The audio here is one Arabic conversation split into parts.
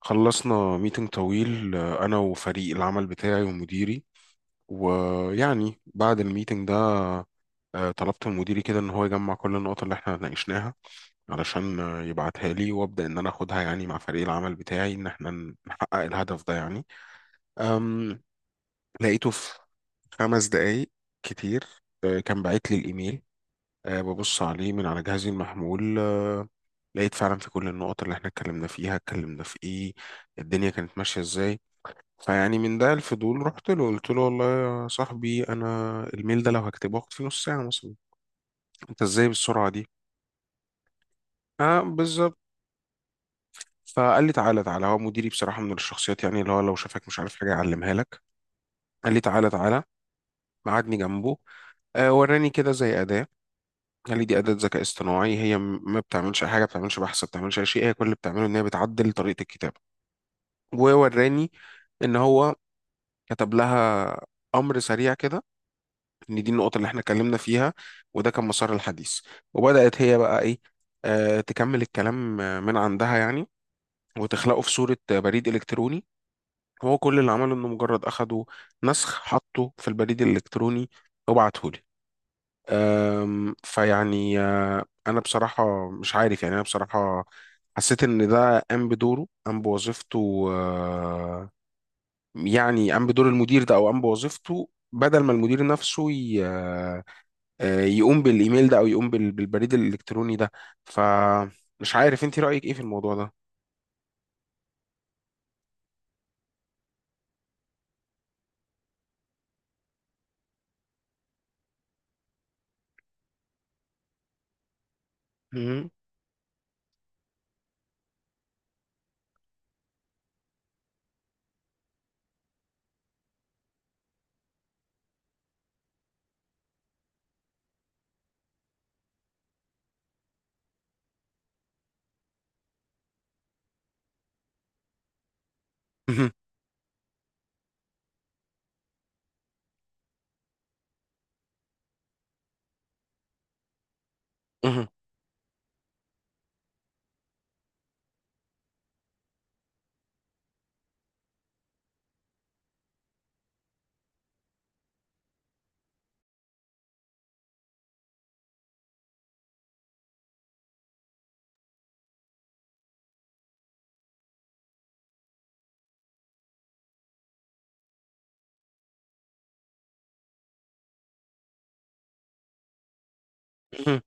خلصنا ميتنج طويل، أنا وفريق العمل بتاعي ومديري. ويعني بعد الميتنج ده، طلبت من مديري كده إن هو يجمع كل النقط اللي إحنا ناقشناها، علشان يبعتها لي وأبدأ إن أنا أخدها، يعني مع فريق العمل بتاعي، إن إحنا نحقق الهدف ده يعني. أم، لقيته في 5 دقايق. كتير. كان باعت لي الإيميل. ببص عليه من على جهازي المحمول. لقيت فعلا في كل النقط اللي احنا اتكلمنا فيها، اتكلمنا في ايه، الدنيا كانت ماشية ازاي. فيعني من ده الفضول رحت له، قلت له والله يا صاحبي، انا الميل ده لو هكتبه هاخد فيه نص ساعه مثلا، انت ازاي بالسرعه دي؟ اه بالظبط. فقال لي تعالى تعالى، هو مديري بصراحه من الشخصيات يعني اللي هو لو شافك مش عارف حاجه يعلمها لك. قال لي تعالى تعالى، قعدني جنبه، وراني كده زي اداه. قال لي دي اداه ذكاء اصطناعي، هي ما بتعملش اي حاجه، ما بتعملش بحث، ما بتعملش اي شيء. هي كل اللي بتعمله ان هي بتعدل طريقه الكتابه. ووراني ان هو كتب لها امر سريع كده، ان دي النقطة اللي احنا اتكلمنا فيها. وده كان مسار الحديث. وبدأت هي بقى ايه، تكمل الكلام من عندها يعني، وتخلقه في صورة بريد إلكتروني. هو كل اللي عمله انه مجرد اخده، نسخ، حطه في البريد الإلكتروني، وبعته لي. فيعني انا بصراحة مش عارف، يعني انا بصراحة حسيت ان ده قام بدوره، قام بوظيفته، يعني قام بدور المدير ده، او قام بوظيفته بدل ما المدير نفسه يقوم بالايميل ده، او يقوم بالبريد الالكتروني ده. فمش عارف انت رايك ايه في الموضوع ده؟ مهم. مهم. مهم. مهم.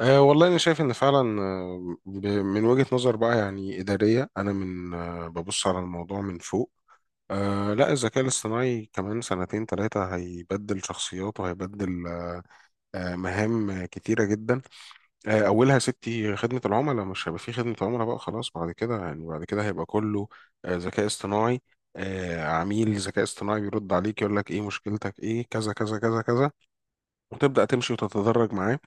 أه والله أنا شايف إن فعلا، من وجهة نظر بقى يعني إدارية، أنا من ببص على الموضوع من فوق. أه لا، الذكاء الاصطناعي كمان سنتين ثلاثة هيبدل شخصيات وهيبدل مهام كتيرة جدا. اولها ستي خدمه العملاء، مش هيبقى في خدمه عملاء بقى خلاص بعد كده، يعني بعد كده هيبقى كله ذكاء اصطناعي. عميل ذكاء اصطناعي بيرد عليك يقول لك ايه مشكلتك، ايه كذا كذا كذا كذا، وتبدا تمشي وتتدرج معاه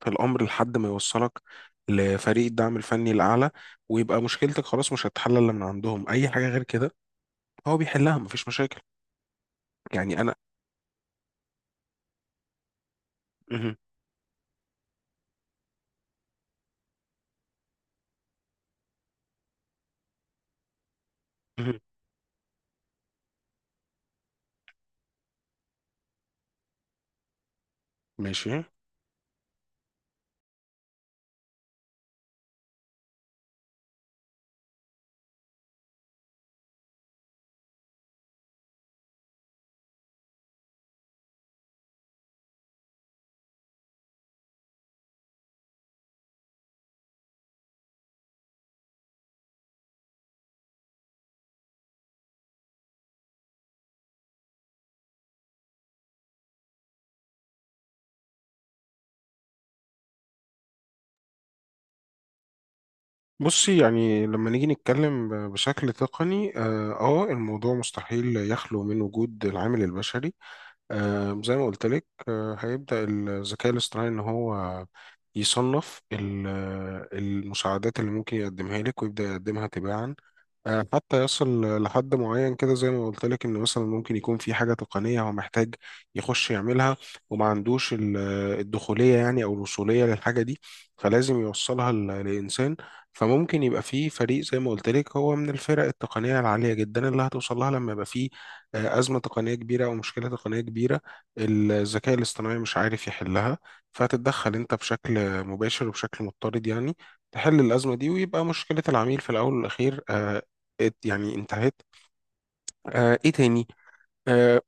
في الامر لحد ما يوصلك لفريق الدعم الفني الاعلى، ويبقى مشكلتك خلاص مش هتتحل الا من عندهم. اي حاجه غير كده هو بيحلها، مفيش مشاكل. يعني انا. مهم. مهم. ماشي. بصي يعني لما نيجي نتكلم بشكل تقني اه، الموضوع مستحيل يخلو من وجود العامل البشري. زي ما قلت لك، آه هيبدأ الذكاء الاصطناعي ان هو يصنف المساعدات اللي ممكن يقدمها لك، ويبدأ يقدمها تباعا حتى يصل لحد معين. كده زي ما قلت لك، ان مثلا ممكن يكون في حاجه تقنيه هو محتاج يخش يعملها، وما عندوش الدخوليه يعني او الوصوليه للحاجه دي. فلازم يوصلها لانسان. فممكن يبقى في فريق، زي ما قلت لك، هو من الفرق التقنيه العاليه جدا اللي هتوصل لها لما يبقى في ازمه تقنيه كبيره او مشكله تقنيه كبيره الذكاء الاصطناعي مش عارف يحلها. فهتتدخل انت بشكل مباشر وبشكل مضطرد، يعني تحل الأزمة دي، ويبقى مشكلة العميل في الأول والأخير يعني انتهت. ايه تاني؟ آه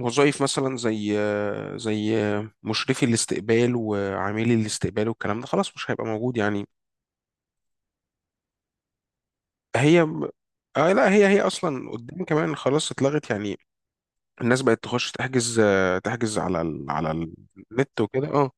وظائف مثلا زي زي مشرفي الاستقبال وعاملي الاستقبال والكلام ده خلاص مش هيبقى موجود يعني. هي لا، هي هي اصلا قدام كمان خلاص اتلغت يعني. الناس بقت تخش تحجز، آه تحجز على ال على النت وكده اه.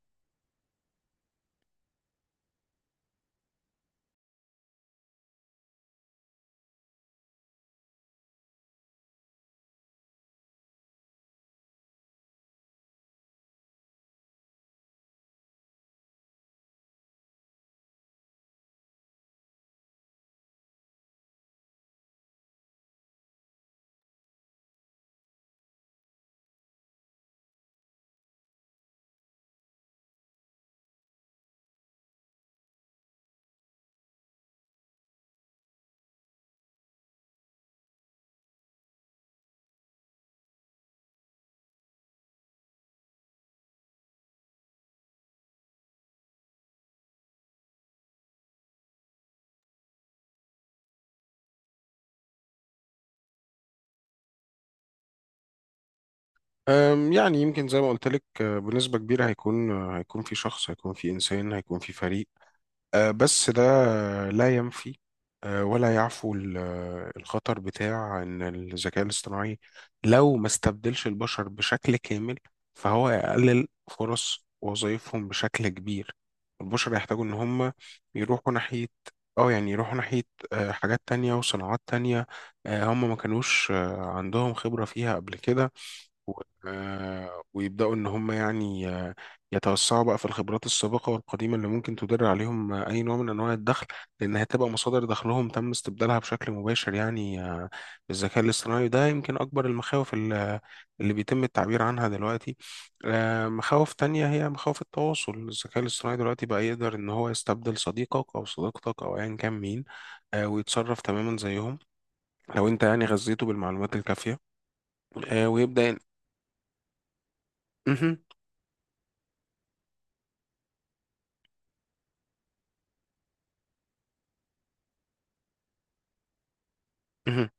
يعني يمكن زي ما قلت لك، بنسبة كبيرة هيكون، هيكون في شخص، هيكون في إنسان، هيكون في فريق. بس ده لا ينفي ولا يعفو الخطر بتاع ان الذكاء الاصطناعي لو ما استبدلش البشر بشكل كامل، فهو يقلل فرص وظائفهم بشكل كبير. البشر يحتاجوا ان هم يروحوا ناحية، اه يعني يروحوا ناحية حاجات تانية وصناعات تانية. هم ما كانوش عندهم خبرة فيها قبل كده، ويبدأوا إن هم يعني يتوسعوا بقى في الخبرات السابقة والقديمة اللي ممكن تدر عليهم أي نوع من أنواع الدخل. لأن هتبقى مصادر دخلهم تم استبدالها بشكل مباشر، يعني بالذكاء الاصطناعي. وده يمكن أكبر المخاوف اللي بيتم التعبير عنها دلوقتي. مخاوف تانية هي مخاوف التواصل. الذكاء الاصطناعي دلوقتي بقى يقدر إن هو يستبدل صديقك أو صديقتك أو أيا كان مين، ويتصرف تماما زيهم لو أنت يعني غذيته بالمعلومات الكافية، ويبدأ. مهم.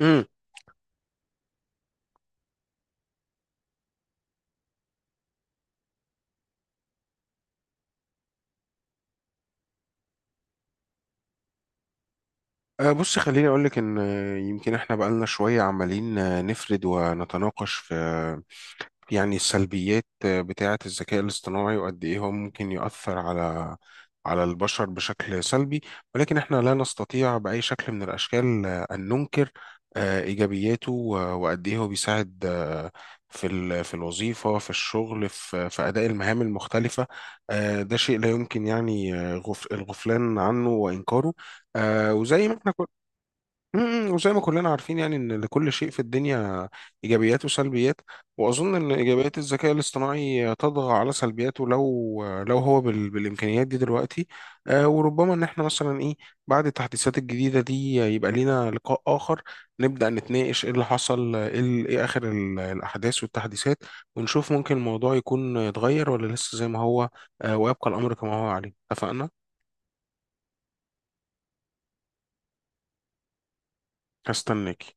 امم بص خليني اقول لك ان، يمكن احنا بقالنا شويه عمالين نفرد ونتناقش في، يعني السلبيات بتاعة الذكاء الاصطناعي وقد إيه هو ممكن يؤثر على البشر بشكل سلبي. ولكن إحنا لا نستطيع بأي شكل من الأشكال أن ننكر إيجابياته وقد إيه هو بيساعد في في الوظيفة، في الشغل، في أداء المهام المختلفة. ده شيء لا يمكن يعني الغفلان عنه وإنكاره. وزي ما إحنا وزي ما كلنا عارفين يعني ان لكل شيء في الدنيا ايجابيات وسلبيات. واظن ان ايجابيات الذكاء الاصطناعي تطغى على سلبياته، لو هو بالامكانيات دي دلوقتي. آه وربما ان احنا مثلا ايه، بعد التحديثات الجديده دي يبقى لينا لقاء اخر نبدا نتناقش ايه اللي حصل، ايه إيه اخر الاحداث والتحديثات، ونشوف ممكن الموضوع يكون اتغير ولا لسه زي ما هو. آه ويبقى الامر كما هو عليه، اتفقنا؟ هستناك.